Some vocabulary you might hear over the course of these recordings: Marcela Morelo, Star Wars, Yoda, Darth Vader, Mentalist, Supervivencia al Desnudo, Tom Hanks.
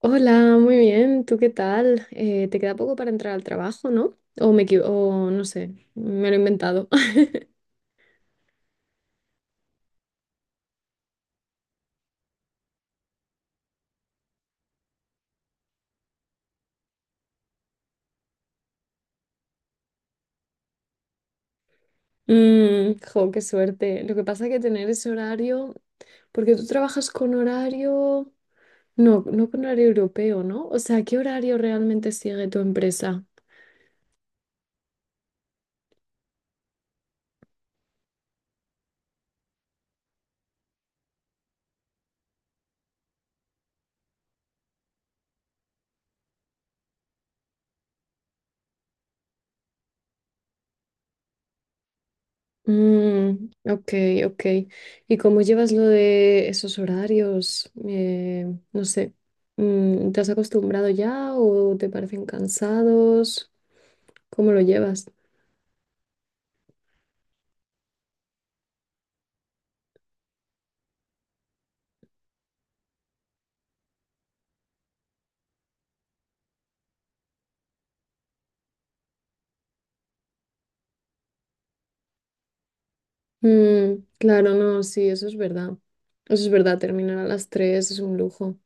Hola, muy bien. ¿Tú qué tal? Te queda poco para entrar al trabajo, ¿no? O no sé, me lo he inventado. Jo, qué suerte. Lo que pasa es que tener ese horario, porque tú trabajas con horario, no con horario europeo, ¿no? O sea, ¿qué horario realmente sigue tu empresa? Mm, ok, ok. ¿Y cómo llevas lo de esos horarios? No sé, ¿te has acostumbrado ya o te parecen cansados? ¿Cómo lo llevas? Mm, claro, no, sí, eso es verdad. Eso es verdad, terminar a las 3 es un lujo.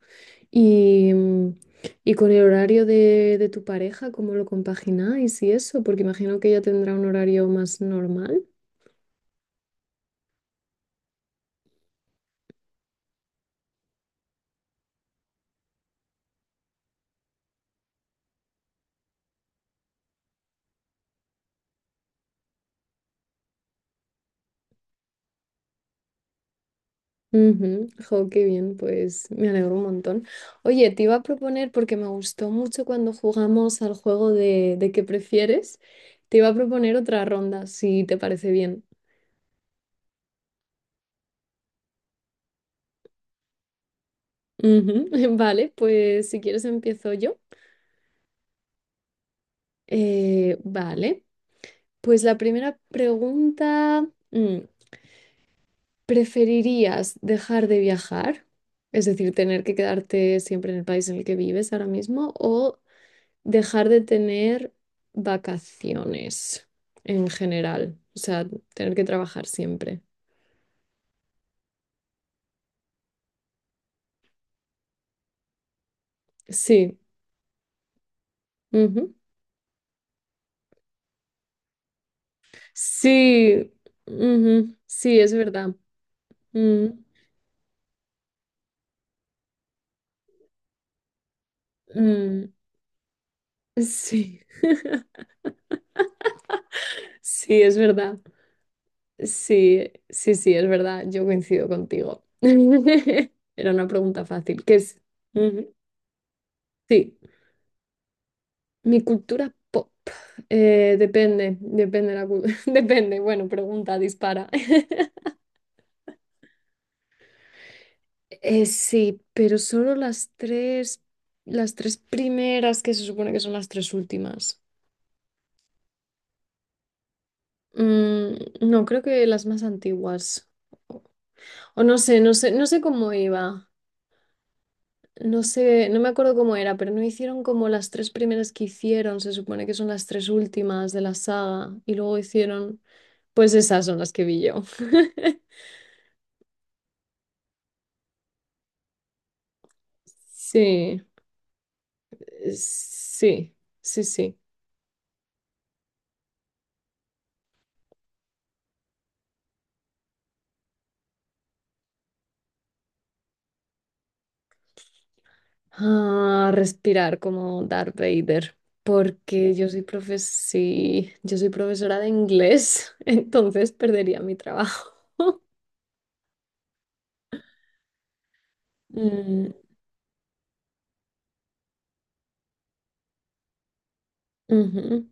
Y, y con el horario de tu pareja, ¿cómo lo compagináis y eso? Porque imagino que ella tendrá un horario más normal. Ujú, jo, qué bien, pues me alegro un montón. Oye, te iba a proponer, porque me gustó mucho cuando jugamos al juego de qué prefieres, te iba a proponer otra ronda, si te parece bien. Ujú. Vale, pues si quieres empiezo yo. Vale. Pues la primera pregunta, ¿preferirías dejar de viajar? Es decir, tener que quedarte siempre en el país en el que vives ahora mismo o dejar de tener vacaciones en general, o sea, tener que trabajar siempre. Sí, ujú. Sí, ujú, sí, es verdad. Mm, mm, sí. Sí, es verdad. Sí, sí, sí, es verdad, yo coincido contigo. Era una pregunta fácil, ¿qué es? Ujú. Sí, mi cultura pop. Depende depende, bueno, pregunta, dispara. Sí, pero solo las tres primeras que se supone que son las tres últimas. Mm, no, creo que las más antiguas. O no sé, no sé cómo iba. No sé, no me acuerdo cómo era, pero no hicieron como las tres primeras que hicieron, se supone que son las tres últimas de la saga, y luego hicieron, pues esas son las que vi yo. Sí, sí, sí, sí. Ah, respirar como Darth Vader, porque yo soy profes sí, yo soy profesora de inglés, entonces perdería mi trabajo. Mm, ujú.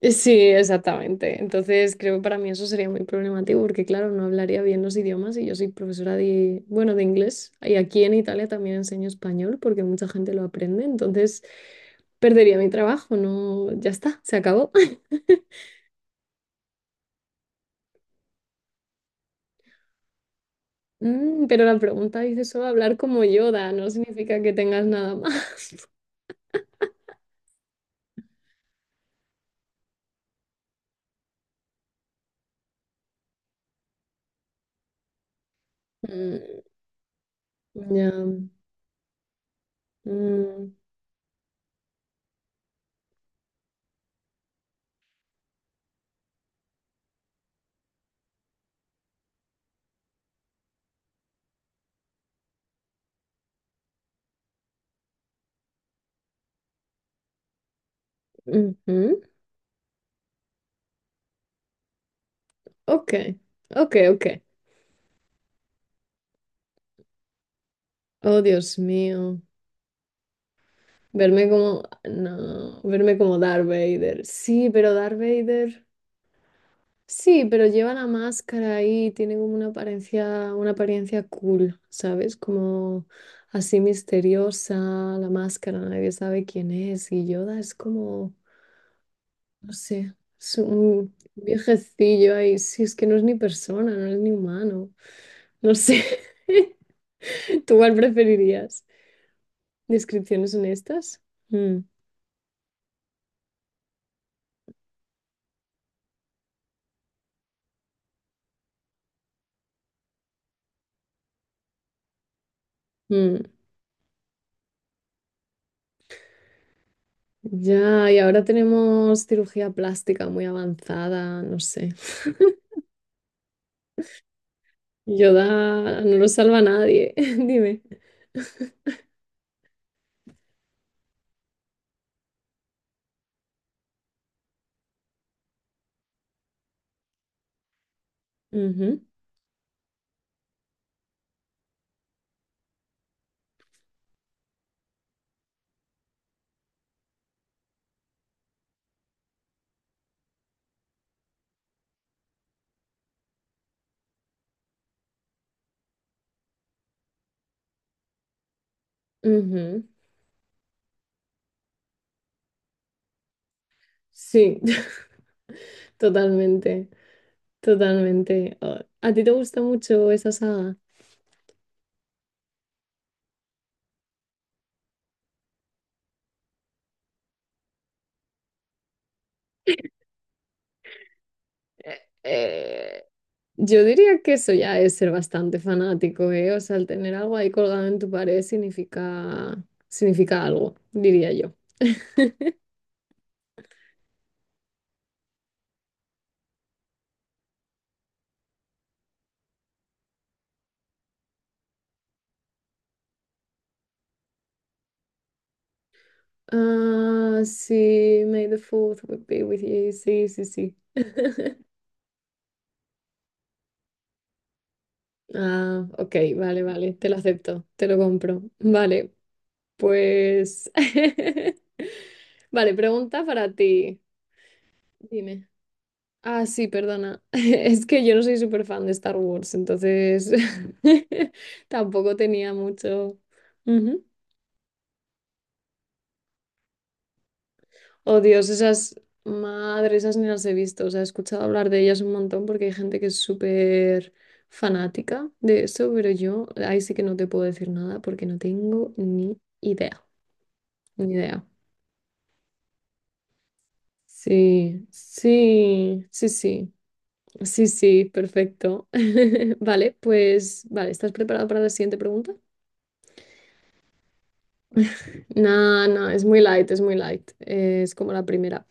Sí, exactamente. Entonces, creo que para mí eso sería muy problemático porque, claro, no hablaría bien los idiomas y yo soy profesora de, bueno, de inglés y aquí en Italia también enseño español porque mucha gente lo aprende. Entonces, perdería mi trabajo, no, ya está, se acabó. Mm, pero la pregunta dice solo hablar como Yoda, no significa que tengas nada más. Mm, ya. Mm, ujú. Ok, ok, ok. Oh, Dios mío. Verme como, no, verme como Darth Vader. Sí, pero Darth Vader. Sí, pero lleva la máscara ahí, tiene como una apariencia cool, ¿sabes? Como así misteriosa, la máscara, nadie sabe quién es. Y Yoda es como, no sé, es un viejecillo ahí. Sí, es que no es ni persona, no es ni humano. No sé. ¿Tú cuál preferirías? ¿Descripciones honestas? Mm, mm. Ya, y ahora tenemos cirugía plástica muy avanzada, no sé. Yoda no lo salva a nadie, dime. Ujú, ujú. Sí. Totalmente, totalmente. Oh, ¿a ti te gusta mucho esa saga? Eh, eh, yo diría que eso ya es ser bastante fanático, ¿eh? O sea, el tener algo ahí colgado en tu pared significa, significa algo, diría yo. Ah, sí, May the fourth would be with you. Sí, sí, sí. Ah, ok, vale, vale, te lo acepto, te lo compro. Vale, pues. Vale, pregunta para ti. Dime. Ah, sí, perdona. Es que yo no soy súper fan de Star Wars, entonces tampoco tenía mucho. Ujú. Oh Dios, esas madres, esas ni las he visto. O sea, he escuchado hablar de ellas un montón porque hay gente que es súper fanática de eso, pero yo ahí sí que no te puedo decir nada porque no tengo ni idea, ni idea. Sí, sí, sí, sí, sí, sí, perfecto. Vale, pues, vale, ¿estás preparado para la siguiente pregunta? No, no, es muy light, es muy light. Es como la primera.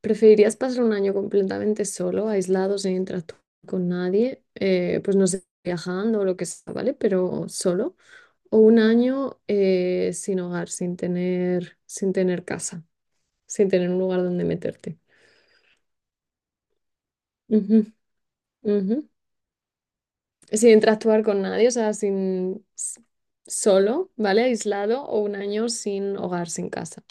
¿Preferirías pasar un año completamente solo, aislado, sin interactuar con nadie? Pues no sé, viajando o lo que sea, ¿vale? Pero solo. O un año sin hogar, sin tener casa, sin tener un lugar donde meterte. Ujú, ujú. Sin interactuar con nadie, o sea, sin s- solo, ¿vale? Aislado o un año sin hogar, sin casa.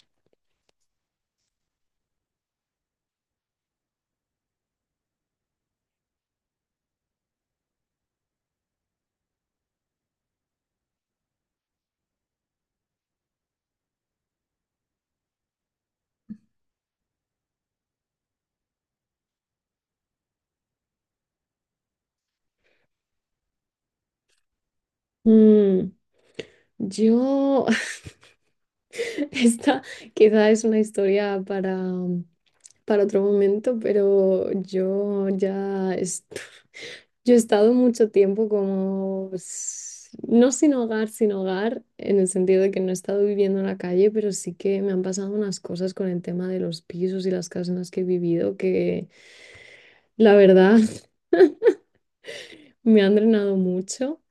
Mm, yo, esta quizá es una historia para otro momento, pero yo he estado mucho tiempo como no sin hogar, sin hogar, en el sentido de que no he estado viviendo en la calle, pero sí que me han pasado unas cosas con el tema de los pisos y las casas en las que he vivido que la verdad me han drenado mucho.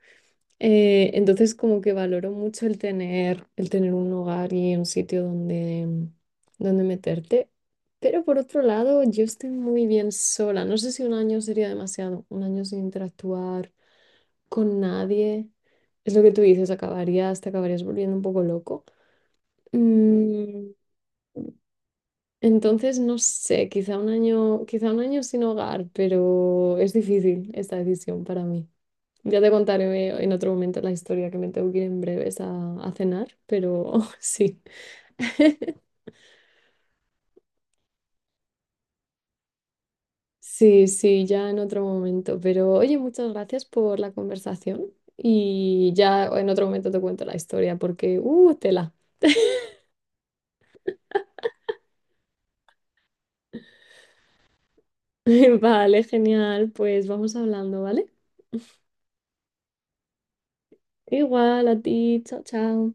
Entonces como que valoro mucho el tener un hogar y un sitio donde, donde meterte. Pero por otro lado, yo estoy muy bien sola. No sé si un año sería demasiado, un año sin interactuar con nadie. Es lo que tú dices, acabarías, te acabarías volviendo un poco loco. Mm, entonces, no sé, quizá un año sin hogar, pero es difícil esta decisión para mí. Ya te contaré en otro momento la historia que me tengo que ir en breves a cenar, pero sí. Sí, sí, ya en otro momento. Pero oye, muchas gracias por la conversación y ya en otro momento te cuento la historia porque, tela. Vale, genial. Pues vamos hablando, ¿vale? Igual a ti. Chao, chao.